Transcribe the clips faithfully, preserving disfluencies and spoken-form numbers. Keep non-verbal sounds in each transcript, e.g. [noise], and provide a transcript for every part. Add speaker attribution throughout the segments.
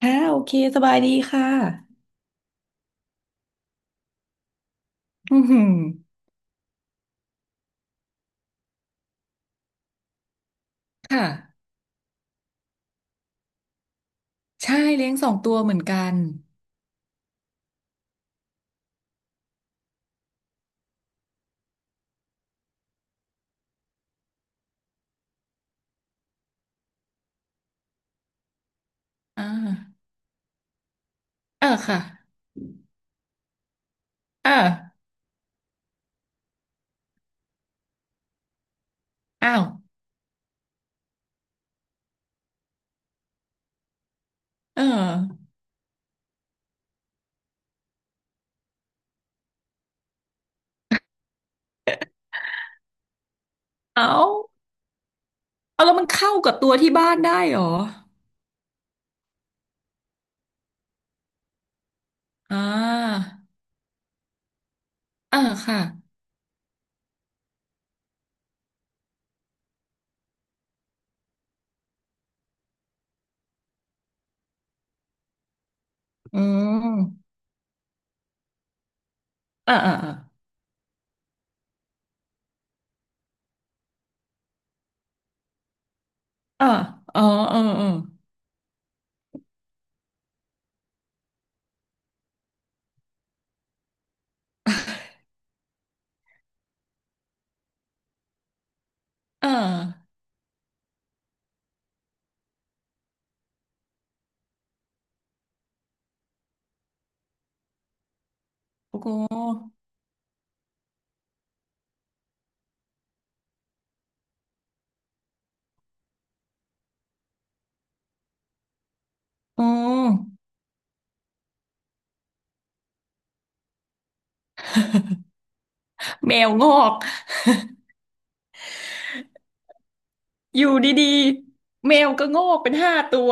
Speaker 1: ค่ะโอเคสบายดีค่ะอือหือค่ะใช่เลี้ยงสองตัวเหมือนกันอ่าเออค่ะเอออ้าวเออเอาเอาแล้วมันเข้ากับตัวที่บ้านได้เหรออ่าเออค่ะอืมเออเออเออเออเออเออเออโอ้โหอืมแมวงอกอยู่ดีๆแมวก็งอกเป็นห้าตัว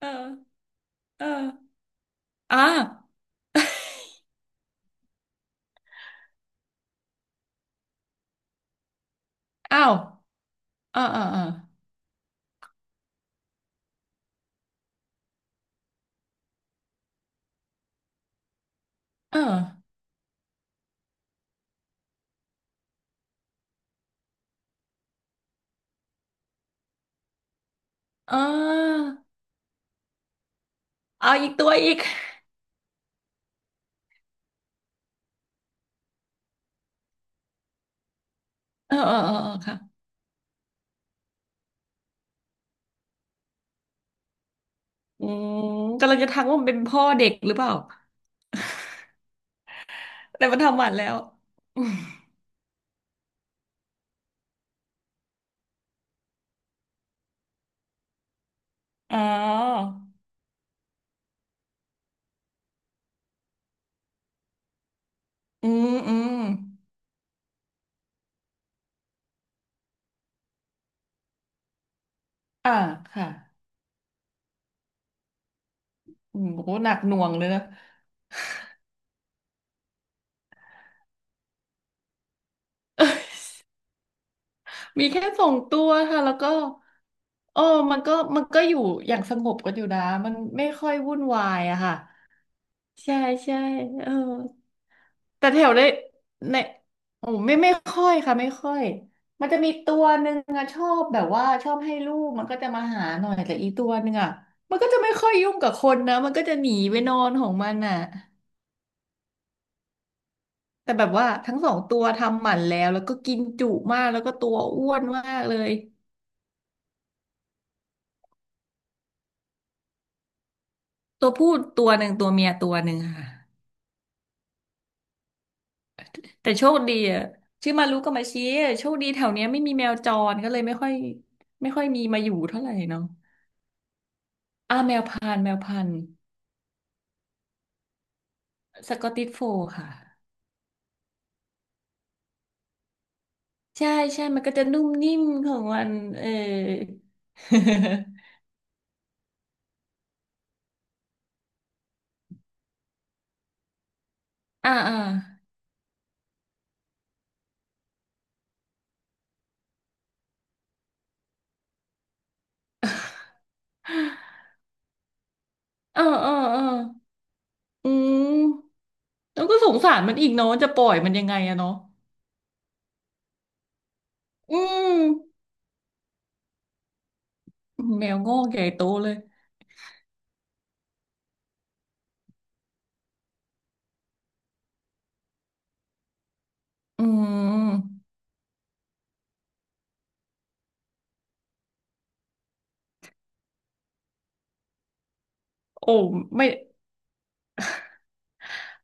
Speaker 1: เออเอออ่าอ้าวเออเออเออ เออเออเอาอีกตัวอีกเออเออเออเออค่ะอืมกำลังจะทักว่ามันเป็นพ่อเด็กหรือเปล่า [laughs] แต่มันทำหมันแล้วอมอ๋ออืมอืมอ่าค่ะอืมโอ้โหหนักหน่วงเลยนะ [laughs] มีแค่สองตัวค่ะแล้วก็โอ้มันก็ มันก็อยู่อย่างสงบกันอยู่นะมันไม่ค่อยวุ่นวายอะค่ะ ใช่ใช่เออ แต่แถวได้ในโอ้ไม่ไม่ค่อยค่ะไม่ค่อยมันจะมีตัวหนึ่งอะชอบแบบว่าชอบให้ลูกมันก็จะมาหาหน่อยแต่อีตัวหนึ่งอะมันก็จะไม่ค่อยยุ่งกับคนนะมันก็จะหนีไปนอนของมันอะแต่แบบว่าทั้งสองตัวทำหมันแล้วแล้วก็กินจุมากแล้วก็ตัวอ้วนมากเลยตัวผู้ตัวหนึ่งตัวเมียตัวหนึ่งค่ะแต่โชคดีอะชื่อมารุกับมาชิโชคดีแถวเนี้ยไม่มีแมวจรก็เลยไม่ค่อยไม่ค่อยมีมาอยู่เท่าไหร่เนาะอ่าแมวพันธุ์แมวพันธุ์ สกอตติชโฟลด์ค่ะใช่ใช่มันก็จะนุ่มนิ่มของมันเออ [laughs] อ่าอ่าเออเออเอออืมแล้วก็สงสารมันอีกเนาะจะปล่อยมันยังไงอะเนาะอืมแมวงอกใหญ่โตเลยอืมโอ้ไม่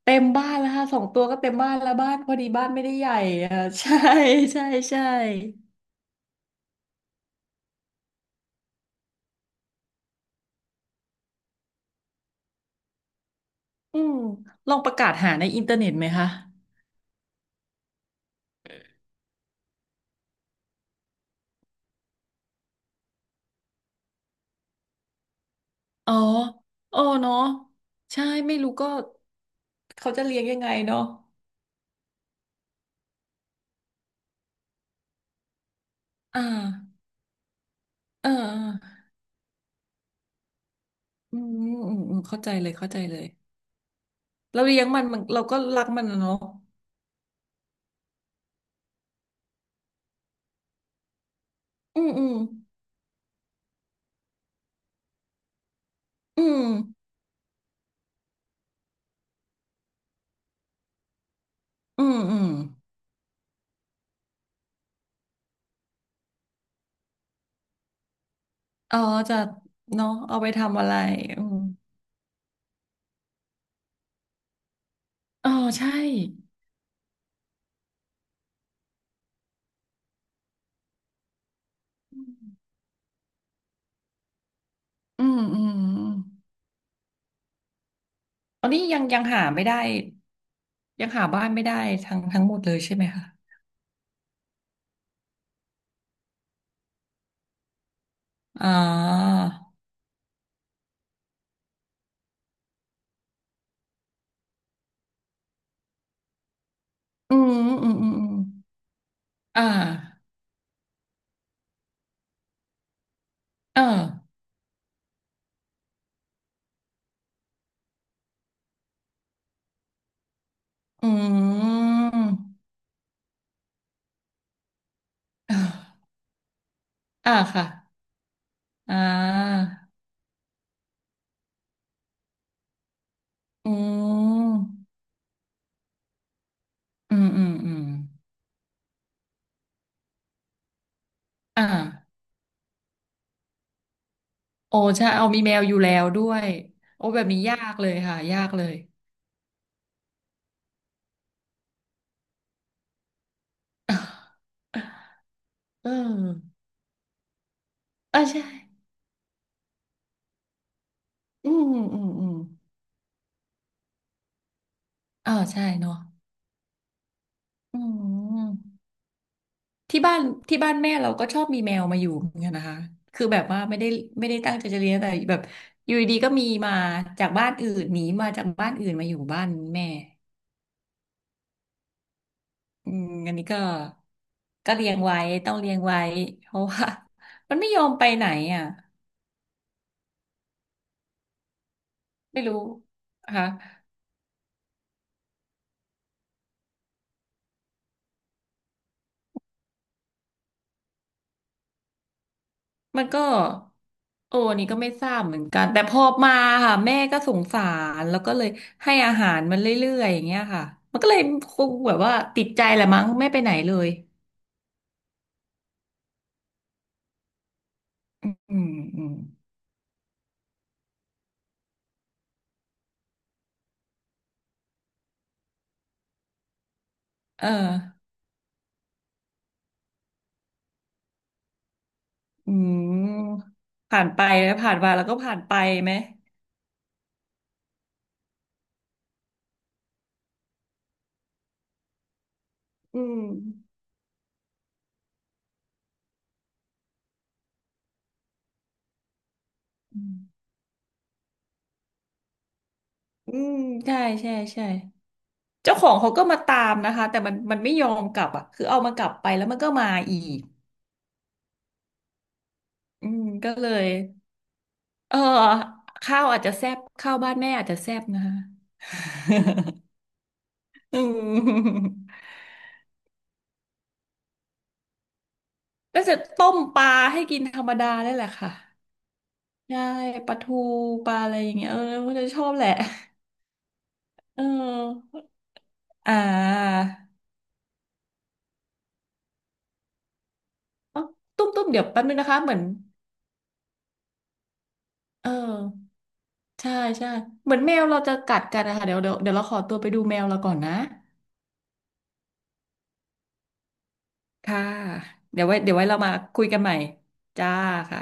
Speaker 1: เต็มบ้านแล้วค่ะสองตัวก็เต็มบ้านแล้วบ้านพอดีบ้านไม่ได้ใหญ่อะ [laughs] ใช่ใช่ใช่อืมลองประกาศหาในอินเทอร์เน็ตไหมคะ อ๋ออ๋อเนาะใช่ไม่รู้ก็เขาจะเลี้ยงยังไงเนาะอ่าเออเอออืมอืมอืมเข้าใจเลยเข้าใจเลยเราเลี้ยงมันมันเราก็รักมันอะเนาะอืมอืมอืมอืมอืมอ๋อจะเนาะเอาไปทำอะไรอืมอ๋อใช่อืมอืมอืมตอนนี้ยังยังหาไม่ได้ยังหาบ้านไม่ได้ทั้งทั้งหมดเลยใช่ไหมคะอ่าอืมอืมอืมอืมอ่า อ่าอืมอ่าอ่าค่ะอ่าอืมอืมอืมอืมอ่าโอ้ใช่เอามีแมวอยู่แล้วด้วยโอ้แบบนี้ยากเลยค่ะยากเลย [laughs] เออเออใช่อืมอืมอืมอ่าใช่เนาะอืม ที่บ้านที่บ้านแม่เราก็ชอบมีแมวมาอยู่เหมือนกันนะคะคือแบบว่าไม่ได้ไม่ได้ตั้งใจจะเลี้ยงแต่แบบอยู่ดีๆก็มีมาจากบ้านอื่นหนีมาจากบ้านอื่นมาอยู่บ้านแม่อืมอันนี้ก็ก็เลี้ยงไว้ต้องเลี้ยงไว้เพราะว่า [laughs] มันไม่ยอมไปไหนอ่ะไม่รู้นะคะมันก็โอ้อันนี่ก็ไม่ทราบเหมือนกันแต่พอมาค่ะแม่ก็สงสารแล้วก็เลยให้อาหารมันเรื่อยๆอย่างเงี้ยค่ะมันก็เลยคงแบบว่าติดใจแหละมั้งไม่ไปไหนเลย อืมอืมอืมเอออืมผ่านไปแล้วผ่านมาแล้วก็ผ่านไปไหมอืมอืมอืมใช่ใช่ใช่เจ้าของเขาก็มาตามนะคะแต่มันมันไม่ยอมกลับอ่ะคือเอามากลับไปแล้วมันก็มาอีกอืมก็เลยเออข้าวอาจจะแซ่บข้าวบ้านแม่อาจจะแซ่บนะคะ [laughs] อืมก็จะต้มปลาให้กินธรรมดาได้แหละค่ะใช่ปลาทูปลาอะไรอย่างเงี้ยเออก็จะชอบแหละเออ อ่าเอ้าตุ้มตุ้ม เดี๋ยวแป๊บนึงนะคะ เหมือน เออ ใช่ใช่เหมือนแมวเราจะกัดกันนะคะเดี๋ยวเดี๋ยวเดี๋ยวเราขอตัวไปดูแมวเราก่อนนะ ค่ะเดี๋ยวไว้เดี๋ยวไว้เรามาคุยกันใหม่จ้าค่ะ